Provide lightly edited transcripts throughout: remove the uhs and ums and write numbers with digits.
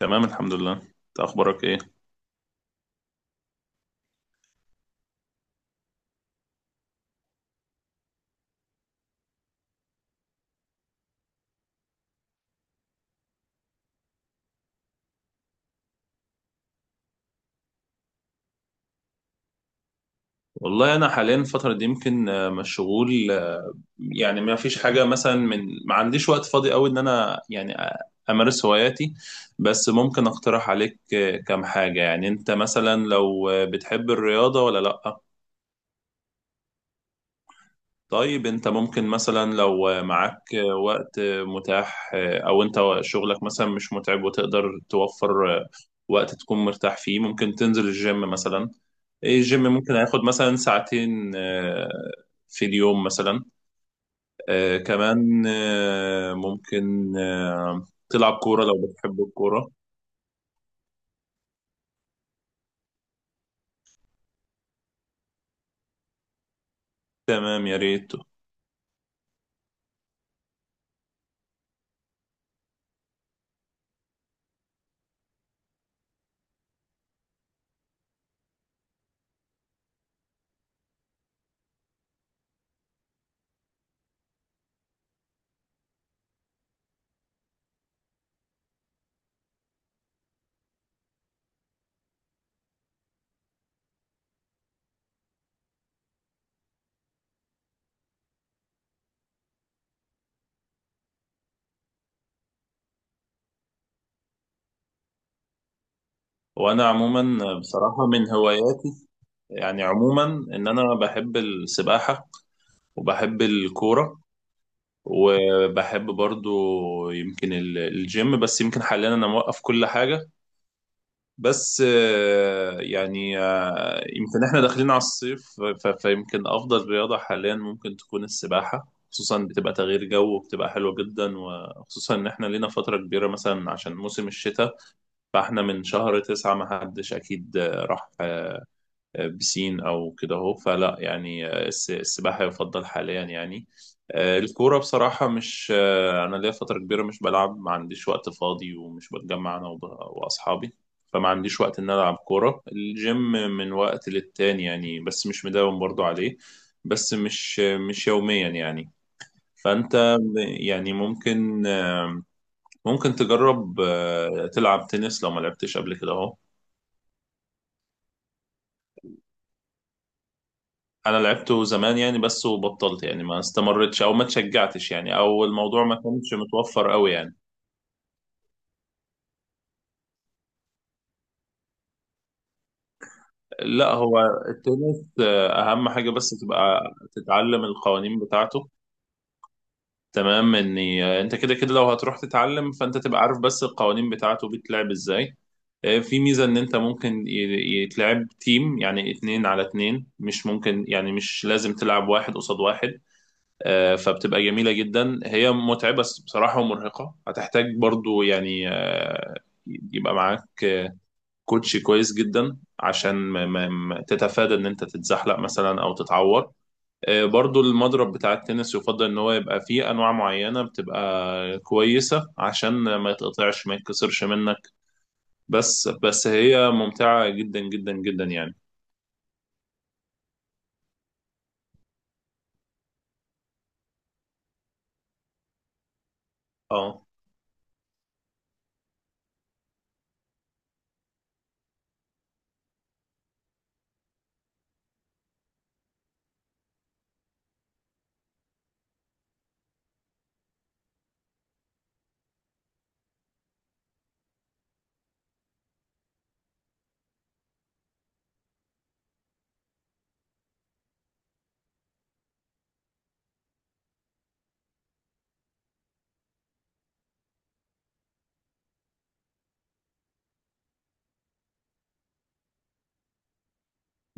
تمام، الحمد لله. انت اخبارك ايه؟ والله انا حاليا الفتره دي يمكن مشغول. يعني ما فيش حاجه مثلا ما عنديش وقت فاضي قوي ان انا يعني امارس هواياتي. بس ممكن اقترح عليك كام حاجه. يعني انت مثلا لو بتحب الرياضه ولا لا؟ طيب انت ممكن مثلا لو معاك وقت متاح، او انت شغلك مثلا مش متعب وتقدر توفر وقت تكون مرتاح فيه، ممكن تنزل الجيم مثلا. الجيم ممكن هياخد مثلا ساعتين في اليوم مثلا. كمان ممكن تلعب كورة لو بتحب الكورة. تمام، يا ريت. وانا عموما بصراحة من هواياتي، يعني عموما ان انا بحب السباحة وبحب الكورة وبحب برضو يمكن الجيم، بس يمكن حاليا انا موقف كل حاجة. بس يعني يمكن احنا داخلين على الصيف، فيمكن افضل رياضة حاليا ممكن تكون السباحة، خصوصا بتبقى تغيير جو وبتبقى حلوة جدا، وخصوصا ان احنا لينا فترة كبيرة مثلا عشان موسم الشتاء. فاحنا من شهر تسعة ما حدش اكيد راح بسين او كده اهو. فلا، يعني السباحه يفضل حاليا يعني. الكوره بصراحه مش انا ليا فتره كبيره مش بلعب، ما عنديش وقت فاضي ومش بتجمع انا واصحابي. فما عنديش وقت ان أنا العب كوره. الجيم من وقت للتاني يعني، بس مش مداوم برضو عليه، بس مش يوميا يعني. فانت يعني ممكن تجرب تلعب تنس لو ما لعبتش قبل كده اهو. انا لعبته زمان يعني بس، وبطلت يعني، ما استمرتش او ما اتشجعتش يعني، او الموضوع ما كانش متوفر قوي يعني. لا، هو التنس اهم حاجة بس تبقى تتعلم القوانين بتاعته. تمام، اني انت كده كده لو هتروح تتعلم فانت تبقى عارف بس القوانين بتاعته بيتلعب ازاي. في ميزة ان انت ممكن يتلعب تيم، يعني اتنين على اتنين، مش ممكن يعني مش لازم تلعب واحد قصاد واحد. فبتبقى جميلة جدا، هي متعبة بصراحة ومرهقة، هتحتاج برضو يعني يبقى معاك كوتش كويس جدا عشان ما تتفادى ان انت تتزحلق مثلا او تتعور. برضو المضرب بتاع التنس يفضل ان هو يبقى فيه انواع معينة بتبقى كويسة عشان ما يتقطعش ما يتكسرش منك. بس هي ممتعة جدا جدا جدا يعني. اه،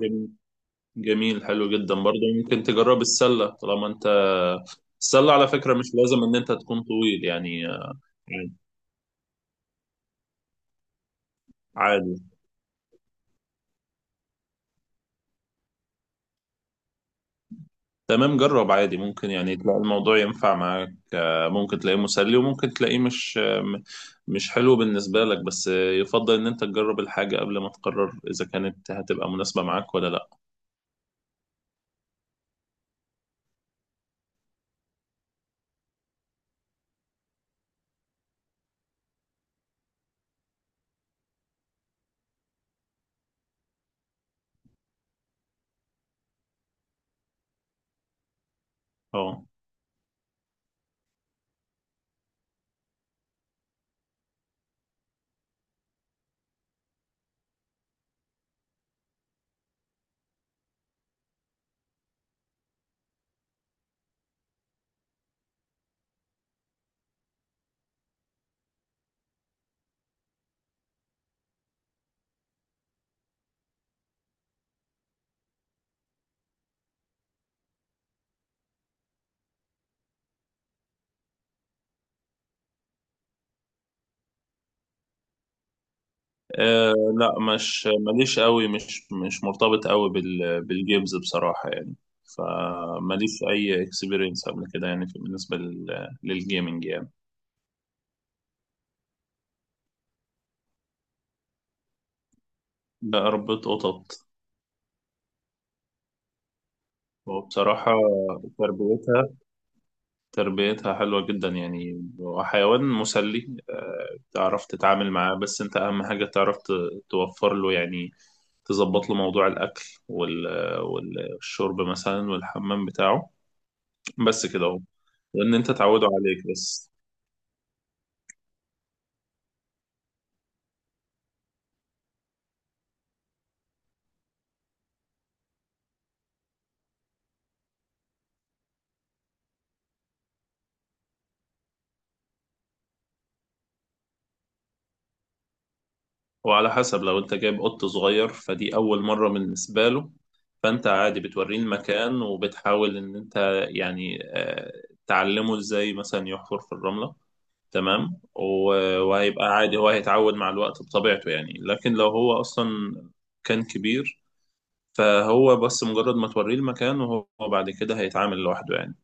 جميل جميل، حلو جدا. برضه ممكن تجرب السلة طالما انت. السلة على فكرة مش لازم ان انت تكون طويل يعني، عادي. تمام، جرب عادي. ممكن يعني تلاقي الموضوع ينفع معاك، ممكن تلاقيه مسلي وممكن تلاقيه مش مش حلو بالنسبة لك، بس يفضل ان انت تجرب الحاجة قبل ما تقرر اذا كانت هتبقى مناسبة معاك ولا لا. اه، أه. لا، مش ماليش قوي، مش مرتبط قوي بالجيمز بصراحة يعني. فماليش أي اكسبيرينس قبل كده يعني، بالنسبة للجيمنج يعني. بقى ربيت قطط. وبصراحة تربيتها تربيتها حلوة جدا يعني، وحيوان مسلي. أه، تعرف تتعامل معاه، بس أنت أهم حاجة تعرف توفر له يعني، تظبط له موضوع الأكل وال والشرب مثلا، والحمام بتاعه. بس كده اهو، وان انت تعوده عليك بس. وعلى حسب، لو انت جايب قط صغير فدي اول مرة بالنسبة له، فانت عادي بتوريه المكان وبتحاول ان انت يعني تعلمه ازاي مثلا يحفر في الرملة. تمام، وهيبقى عادي، هو هيتعود مع الوقت بطبيعته يعني. لكن لو هو اصلا كان كبير، فهو بس مجرد ما توريه المكان وهو بعد كده هيتعامل لوحده يعني.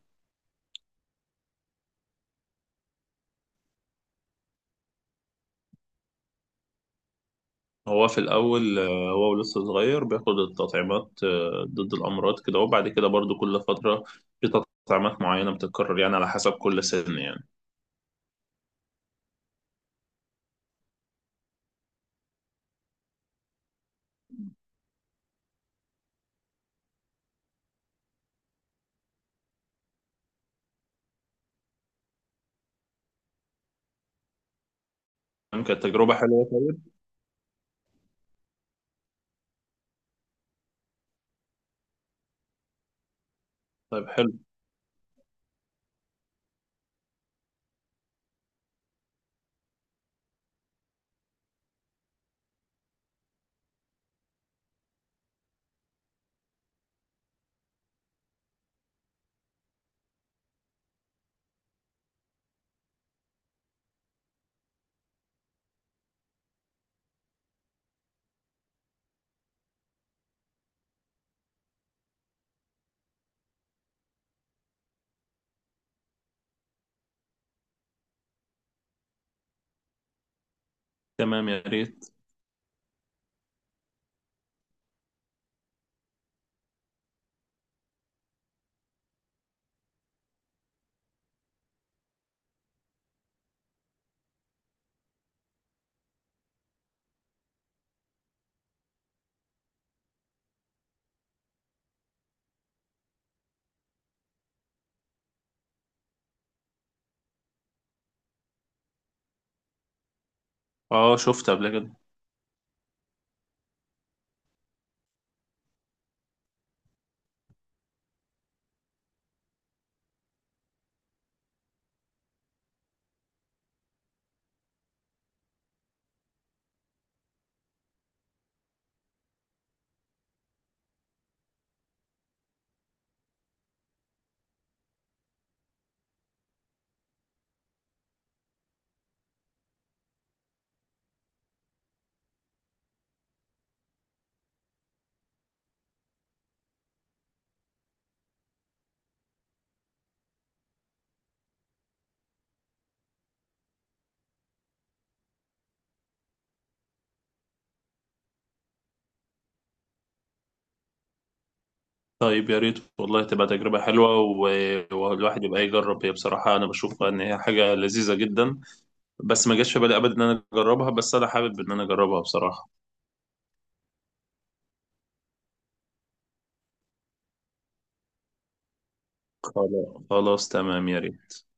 هو في الأول هو لسه صغير بياخد التطعيمات ضد الأمراض كده، وبعد كده برضو كل فترة في تطعيمات معينة بتتكرر يعني، على حسب كل سن يعني. تمام، كانت تجربة حلوة طيب. طيب، حلو. تمام يا ريت. اه، شفت قبل كده. طيب، يا ريت والله، تبقى تجربة حلوة، والواحد يبقى يجرب. هي بصراحة أنا بشوفها إن هي حاجة لذيذة جدا. بس ما جاش في بالي أبدا إن أنا أجربها، بس أنا حابب إن أنا أجربها بصراحة. خلاص خلاص، تمام، يا ريت.